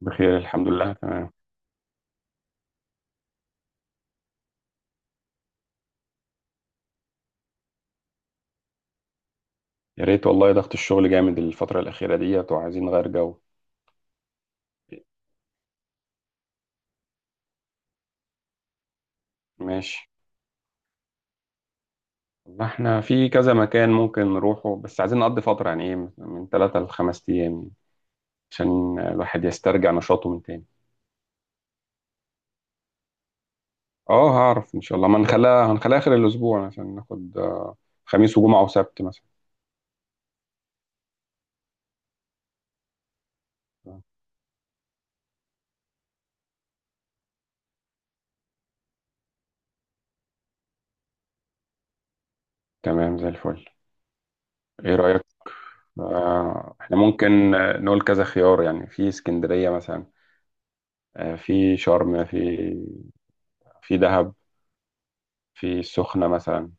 بخير، الحمد لله، تمام. يا ريت والله، ضغط الشغل جامد الفترة الأخيرة ديت وعايزين نغير جو. ماشي. ما احنا في كذا مكان ممكن نروحه، بس عايزين نقضي فترة يعني ايه، من ثلاثة لخمس أيام يعني، عشان الواحد يسترجع نشاطه من تاني. اه، هعرف إن شاء الله. ما هنخليها آخر الأسبوع عشان ناخد خميس وجمعة وسبت مثلا. آه، تمام زي الفل. ايه رأيك؟ احنا ممكن نقول كذا خيار، يعني في اسكندرية مثلا، في شرم، في دهب، في السخنة مثلا.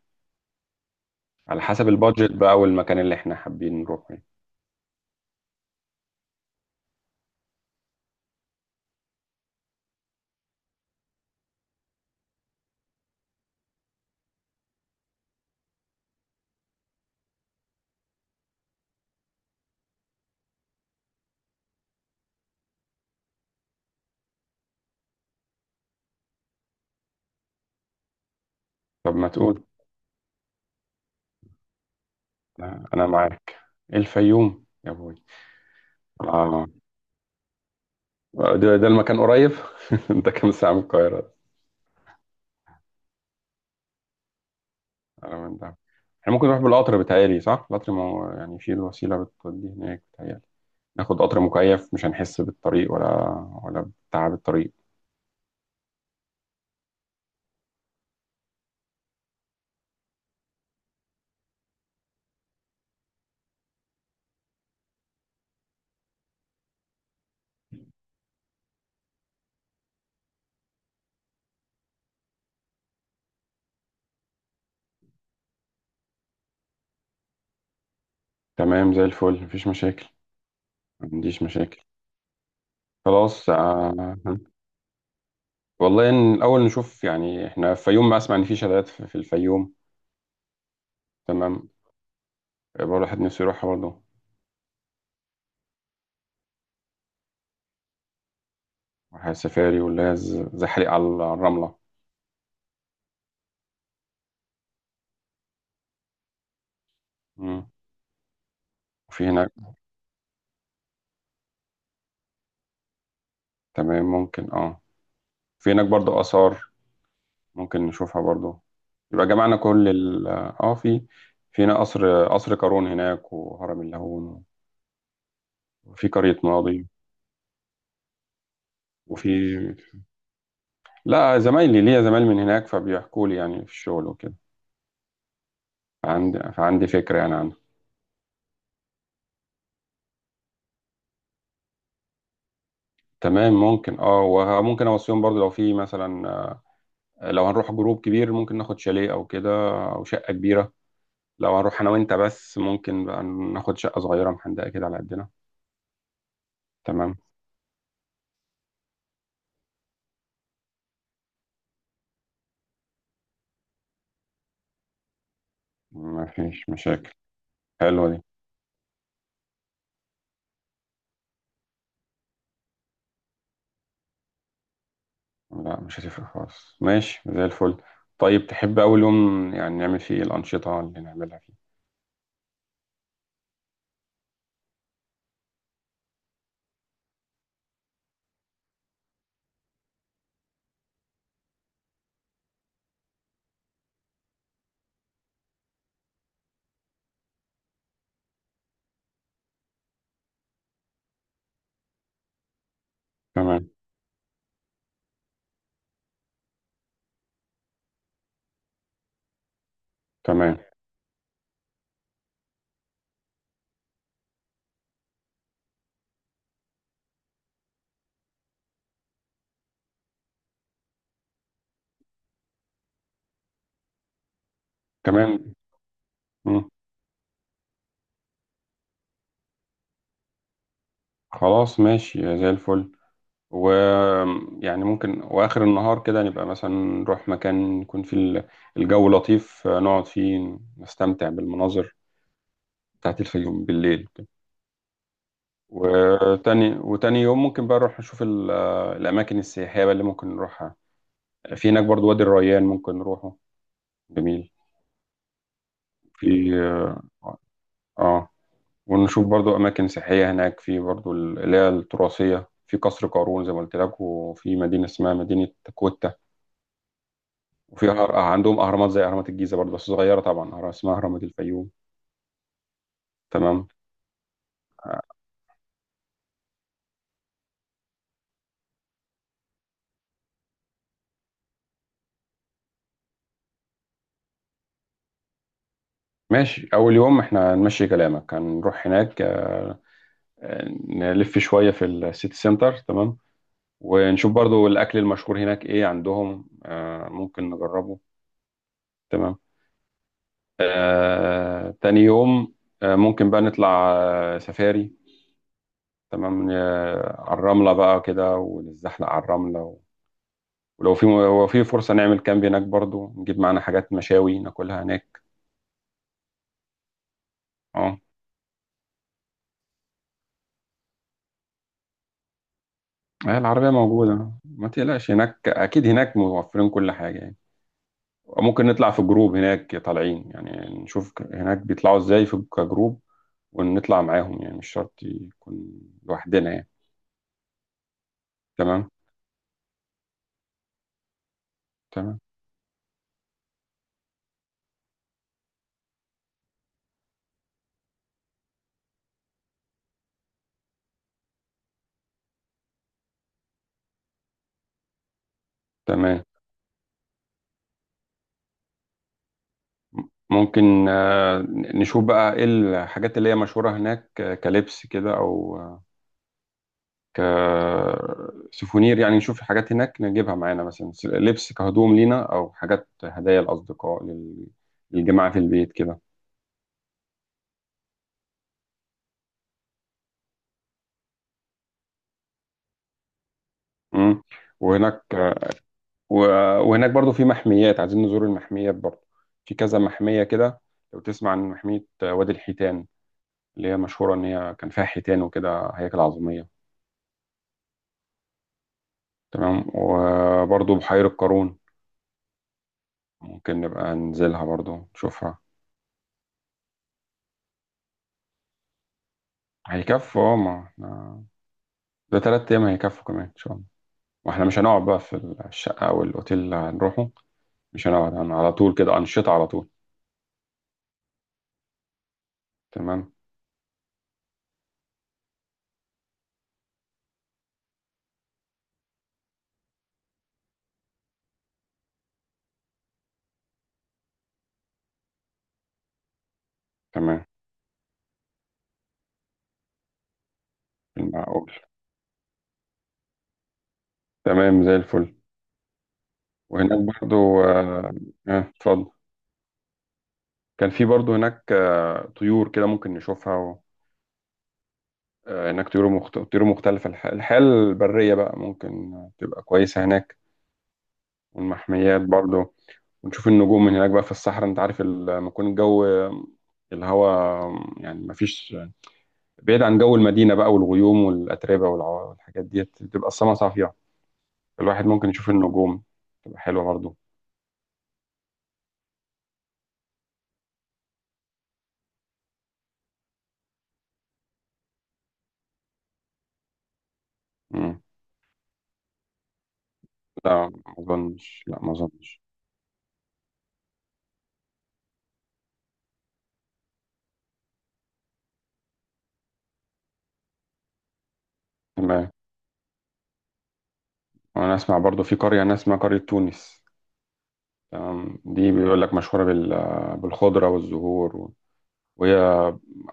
على حسب البادجت بقى والمكان اللي احنا حابين نروحه يعني. طب ما تقول. أنا معاك، الفيوم يا بوي. آه، ده المكان قريب. ده كام ساعة من القاهرة؟ على من ده؟ احنا ممكن نروح بالقطر، بتهيألي صح؟ القطر ما هو يعني في الوسيلة بتودي هناك بتهيألي. ناخد قطر مكيف مش هنحس بالطريق، ولا بتعب الطريق. تمام زي الفل، مفيش مشاكل، ما عنديش مشاكل. خلاص آه. والله إن الأول نشوف يعني، احنا في الفيوم، ما أسمع إن في شلالات في الفيوم. تمام، يبقى الواحد نفسه يروحها برضه. واحد سفاري، واللي هي زحليق على الرملة. مم. وفي هناك. تمام، ممكن اه. في هناك برضه آثار، ممكن نشوفها برضه. يبقى جمعنا كل ال اه، في في هنا قصر قارون هناك، وهرم اللاهون، وفي قرية ماضي، وفي، لا زمايلي، ليا زمايل من هناك فبيحكوا لي يعني في الشغل وكده. فعندي فكرة يعني عنها. تمام، ممكن اه، وممكن اوصيهم برضه. لو في مثلا لو هنروح جروب كبير، ممكن ناخد شاليه او كده، او شقه كبيره. لو هنروح انا وانت بس، ممكن بقى ناخد شقه صغيره محندقه كده على قدنا. تمام، مفيش مشاكل. حلوه دي. لا، مش هتفرق خالص، ماشي زي الفل. طيب تحب اول يوم يعني نعمل فيه إيه؟ الانشطه اللي نعملها فيه. تمام. تمام. تمام. مم. خلاص ماشي زي الفل. و، يعني ممكن واخر النهار كده، نبقى مثلا نروح مكان يكون فيه الجو لطيف، نقعد فيه نستمتع بالمناظر بتاعت الفيوم بالليل. وتاني يوم ممكن بقى نروح نشوف الأماكن السياحية بقى اللي ممكن نروحها في هناك. برضو وادي الريان ممكن نروحه. جميل. في اه، آه، ونشوف برضو أماكن سياحية هناك، في برضو اللي هي التراثية، في قصر قارون زي ما قلت لك، وفي مدينة اسمها مدينة كوتا، وفي أهر... آه، عندهم أهرامات زي أهرامات الجيزة برضو، بس صغيرة طبعا، أهرام اسمها أهرامات الفيوم. تمام. ماشي، أول يوم احنا نمشي كلامك، هنروح هناك نلف شوية في السيتي سنتر. تمام. ونشوف برضو الأكل المشهور هناك إيه عندهم، ممكن نجربه. تمام. تاني يوم ممكن بقى نطلع سفاري. تمام، على الرملة بقى كده، ونتزحلق على الرملة و-، ولو في لو في فرصة نعمل كامب هناك برضو، نجيب معانا حاجات مشاوي ناكلها هناك. اه العربية موجودة، ما تقلقش، هناك أكيد هناك موفرين كل حاجة يعني. ممكن نطلع في جروب هناك طالعين، يعني نشوف هناك بيطلعوا ازاي في كجروب، ونطلع معاهم، يعني مش شرط يكون لوحدنا يعني. تمام. تمام. تمام. م- ممكن نشوف بقى ايه الحاجات اللي هي مشهورة هناك، كلبس كده، او كسوفونير، يعني نشوف حاجات هناك نجيبها معانا، مثلا لبس كهدوم لينا، او حاجات هدايا الأصدقاء للجماعة في البيت كده. مم. وهناك و-، وهناك برضو في محميات، عايزين نزور المحميات برضو، في كذا محمية كده. لو تسمع عن محمية وادي الحيتان، اللي هي مشهورة إن هي كان فيها حيتان وكده، هياكل عظمية. تمام. وبرضو بحيرة قارون ممكن نبقى ننزلها برضو نشوفها. هيكفوا اه، ما احنا ده تلات أيام هيكفوا كمان إن شاء الله. واحنا مش هنقعد بقى في الشقة أو الأوتيل اللي هنروحه، مش هنقعد على طول كده، أنشطة على طول. تمام. تمام. المعقول. تمام زي الفل. وهناك برضو اه، اتفضل. كان في برضه هناك طيور كده ممكن نشوفها و... هناك طيور طيور مختلفة، الحياة البرية بقى ممكن تبقى كويسة هناك. والمحميات برضه. ونشوف النجوم من هناك بقى في الصحراء، انت عارف لما يكون الجو، الهواء يعني مفيش، بعيد عن جو المدينة بقى والغيوم والأتربة والحاجات ديت، بتبقى السما صافية، الواحد ممكن يشوف النجوم، تبقى حلوة برضه. مم. لا ما أظنش، لا ما أظنش. تمام. وأنا أسمع برضه في قرية، أنا أسمع قرية تونس. تمام، دي بيقول لك مشهورة بالخضرة والزهور و-، وهي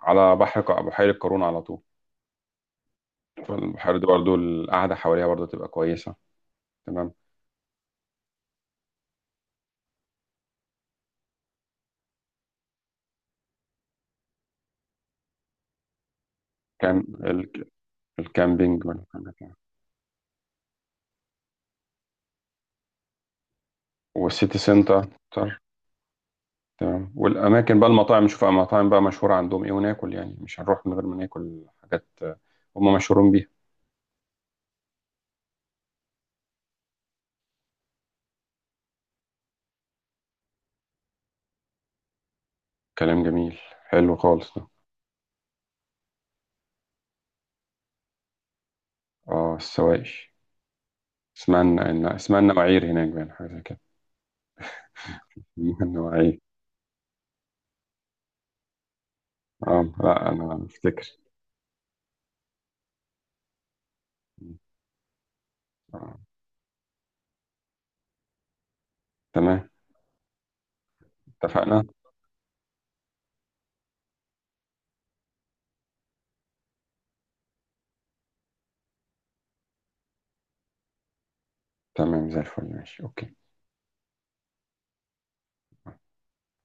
على بحر بحيرة قارون على طول. فالبحيرة دي برضو القعدة حواليها برضو تبقى كويسة. تمام. كام الكامبينج والحاجات يعني. والسيتي سنتر، سنتر، تمام. والأماكن بقى، المطاعم، نشوف المطاعم بقى مشهورة عندهم إيه وناكل، يعني مش هنروح من غير ما ناكل حاجات هم مشهورين بيها. كلام جميل. حلو خالص ده. اه السواقش، اسمها اسمها النواعير هناك بقى، حاجة زي كده. النواعير. اه لا انا افتكر. آه. تمام. اتفقنا. تمام زي الفل، ماشي، اوكي.